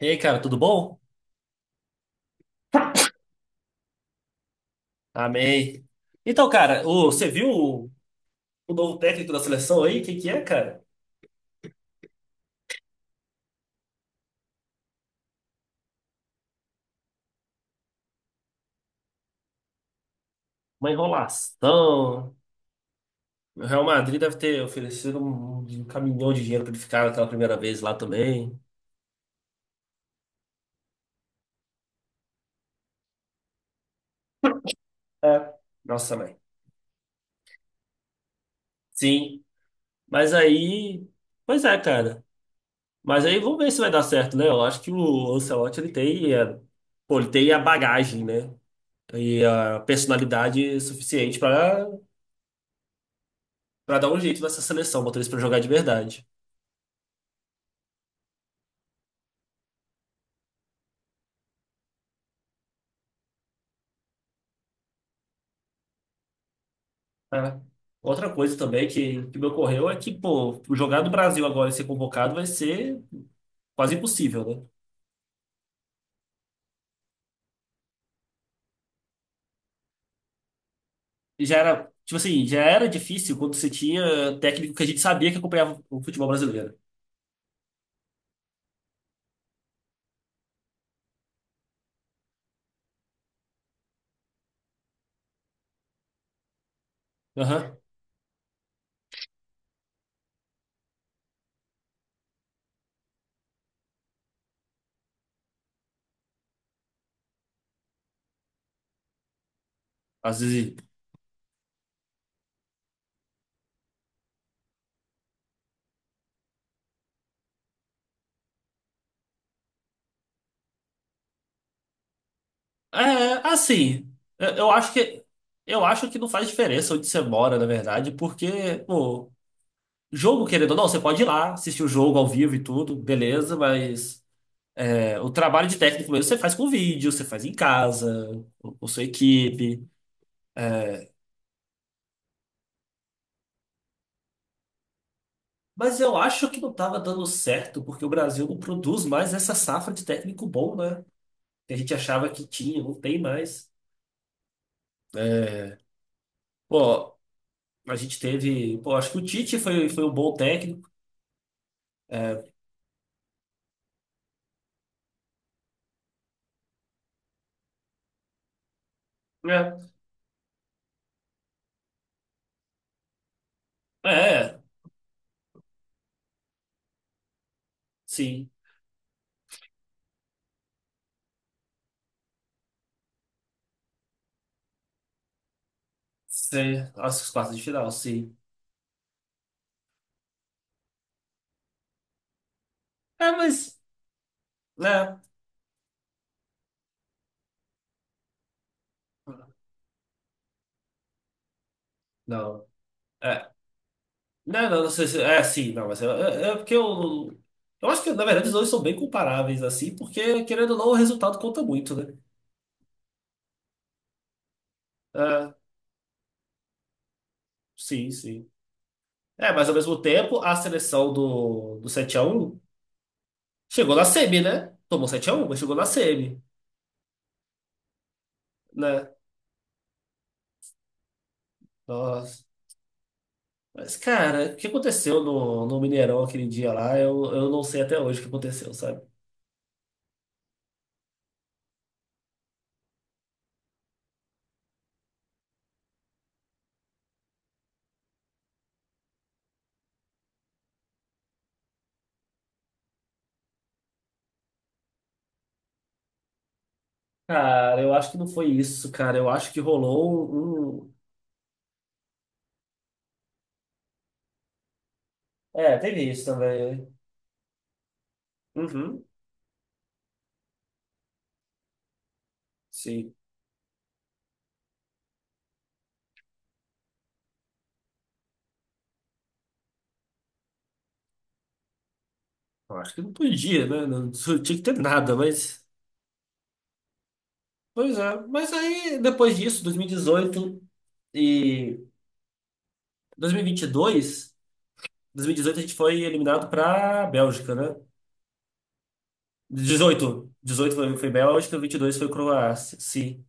E aí, cara, tudo bom? Amei. Então, cara, você viu o novo técnico da seleção aí? Quem que é, cara? Uma enrolação. O Real Madrid deve ter oferecido um caminhão de dinheiro pra ele ficar aquela primeira vez lá também. É. Nossa, mãe. Sim. Mas aí. Pois é, cara. Mas aí vamos ver se vai dar certo, né? Eu acho que o Ancelotti ele tem, é, pô, ele tem a bagagem, né? E a personalidade suficiente pra para dar um jeito nessa seleção, botar eles pra jogar de verdade. É. Outra coisa também que me ocorreu é que, pô, jogar do Brasil agora e ser convocado vai ser quase impossível, né? E já era, tipo assim, já era difícil quando você tinha técnico que a gente sabia que acompanhava o futebol brasileiro. Aham. Às vezes. É, assim, eu eu acho que eu acho que não faz diferença onde você mora, na verdade, porque, pô, jogo, querendo ou não, você pode ir lá, assistir o jogo ao vivo e tudo, beleza, mas é, o trabalho de técnico mesmo você faz com vídeo, você faz em casa, com sua equipe. Mas eu acho que não estava dando certo, porque o Brasil não produz mais essa safra de técnico bom, né? Que a gente achava que tinha, não tem mais. É, pô, a gente teve. Pô, acho que o Tite foi um bom técnico. É, é, é, sim. Sim. Nossa, os quartos de final, sim. É, mas. Né? Não. É. Não, não, não sei se. É, sim, não, mas é porque eu. Eu acho que, na verdade, os dois são bem comparáveis, assim, porque, querendo ou não, o resultado conta muito, né? É, sim, sim. É, mas ao mesmo tempo, a seleção do 7-1 chegou na semi, né? Tomou 7-1, mas chegou na semi, né? Nossa. Mas, cara, o que aconteceu no Mineirão aquele dia lá, eu não sei até hoje o que aconteceu, sabe? Cara, eu acho que não foi isso, cara. Eu acho que rolou um. É, teve isso também, né? Uhum, sim. Eu acho que não podia, né? Não tinha que ter nada, mas. Pois é. Mas aí, depois disso, 2018 e e e 2022. 2018 a gente foi eliminado para Bélgica, né? 18. 18 foi Bélgica, 22 foi Croácia. Sim.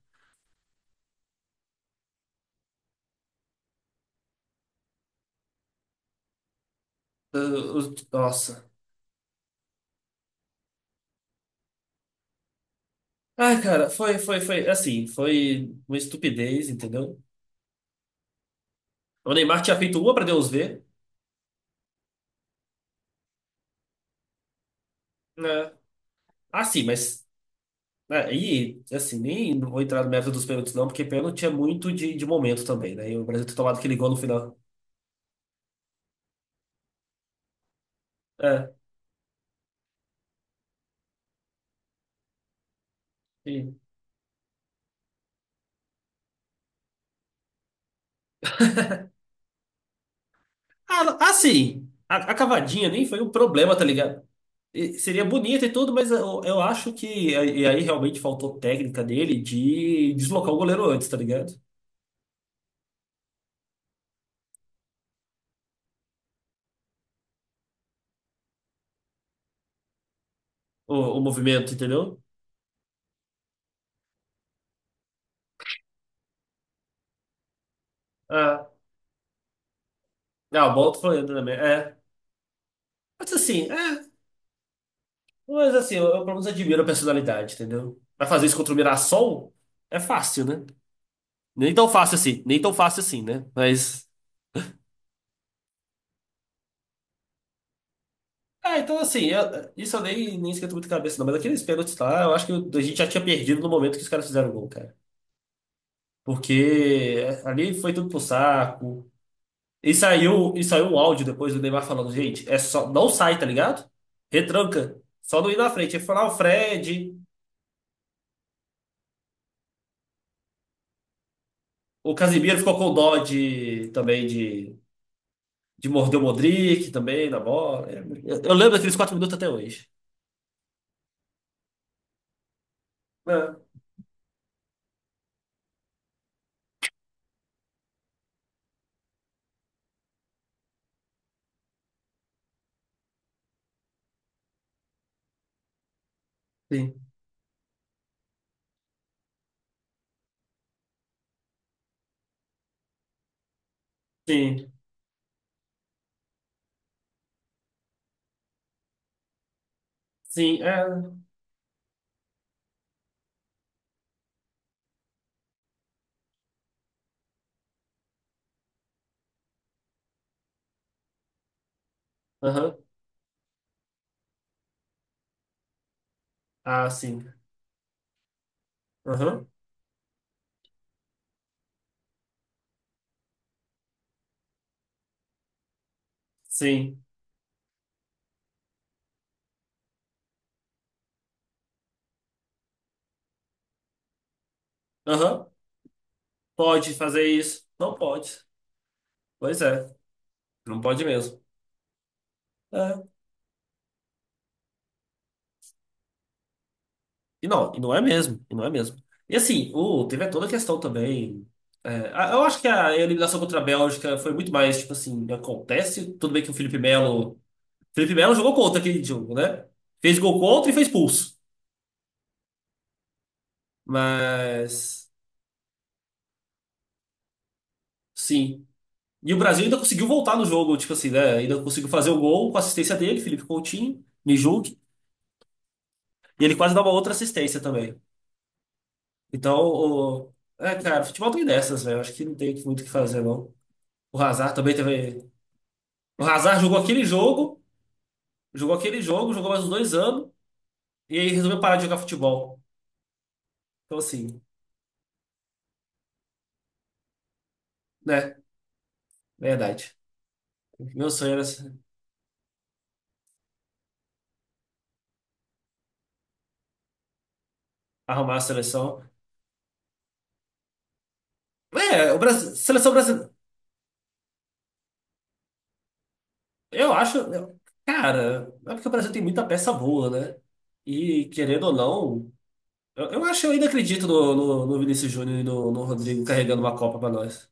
Nossa. Ai, cara, assim, foi uma estupidez, entendeu? O Neymar tinha feito uma pra Deus ver, né? Ah, sim, mas aí, assim, nem não vou entrar no mérito dos pênaltis não, porque pênalti é muito de momento também, né? E o Brasil ter tomado aquele gol no final. É, sim. Ah, sim. A cavadinha nem foi um problema, tá ligado? E seria bonito e tudo, mas eu acho que. E aí realmente faltou técnica dele de deslocar o goleiro antes, tá ligado? O movimento, entendeu? Ah, ah, o Bolton foi entrando na minha. É. Mas assim, é. Mas assim, eu pelo menos admiro a personalidade, entendeu? Pra fazer isso contra o Mirassol é fácil, né? Nem tão fácil assim, nem tão fácil assim, né? Mas. Ah, então assim, isso eu nem esquento muito a cabeça, não. Mas aqueles pênaltis lá, eu acho que a gente já tinha perdido no momento que os caras fizeram o gol, cara. Porque é, ali foi tudo pro saco. E saiu um áudio depois do Neymar falando, gente, é só, não sai, tá ligado? Retranca. Só não ir na frente. Ele falou, ah, o Fred, o Casimiro ficou com dó de, também de morder o Modric também na bola. É, Eu lembro daqueles 4 minutos até hoje. É, sim, sim, sim, é. Aham. Ah, sim. Aham. Sim. Aham. Pode fazer isso. Não pode. Pois é, não pode mesmo. É. E não é mesmo, e não é mesmo. E assim, teve toda a questão também. Eu acho que a eliminação contra a Bélgica foi muito mais, tipo assim, acontece. Tudo bem que o Felipe Melo. Felipe Melo jogou contra aquele jogo, né? Fez gol contra e fez pulso. Mas. Sim. E o Brasil ainda conseguiu voltar no jogo, tipo assim, né? Ainda conseguiu fazer o gol com a assistência dele, Felipe Coutinho, me julgue. E ele quase dá uma outra assistência também. Então, cara, futebol tem dessas, velho. Acho que não tem muito o que fazer, não. O Hazard também teve. O Hazard jogou aquele jogo, jogou mais uns dois anos, e aí resolveu parar de jogar futebol. Então, assim, né? Verdade. Meu sonho era arrumar a seleção. É, o Brasil, seleção brasileira. Eu acho. Cara, é porque o Brasil tem muita peça boa, né? E, querendo ou não, eu acho, eu ainda acredito no Vinícius Júnior e no Rodrigo carregando uma Copa pra nós.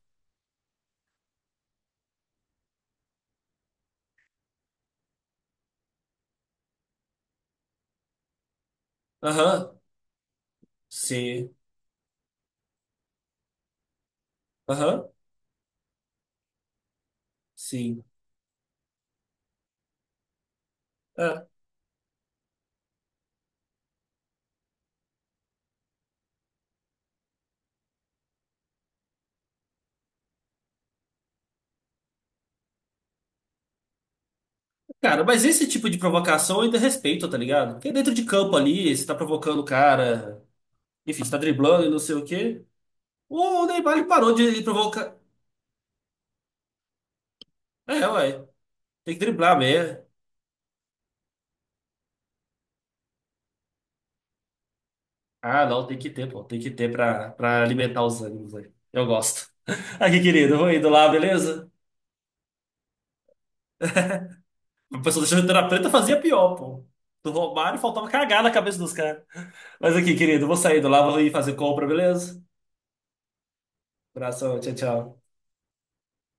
Aham, sim. Aham, sim. É, cara, mas esse tipo de provocação eu ainda respeito, tá ligado? Porque dentro de campo ali, você tá provocando o cara, enfim, você tá driblando e não sei o quê. O Neymar ele parou de provocar. É, ué, tem que driblar mesmo. Ah, não, tem que ter, pô, tem que ter pra alimentar os ânimos aí. Eu gosto. Aqui, querido, eu vou indo lá, beleza? A pessoa da chuteira preta fazia pior, pô. Do Romário faltava cagar na cabeça dos caras. Mas aqui, querido, eu vou saindo lá, vou ir fazer compra, beleza? Abração, tchau, tchau.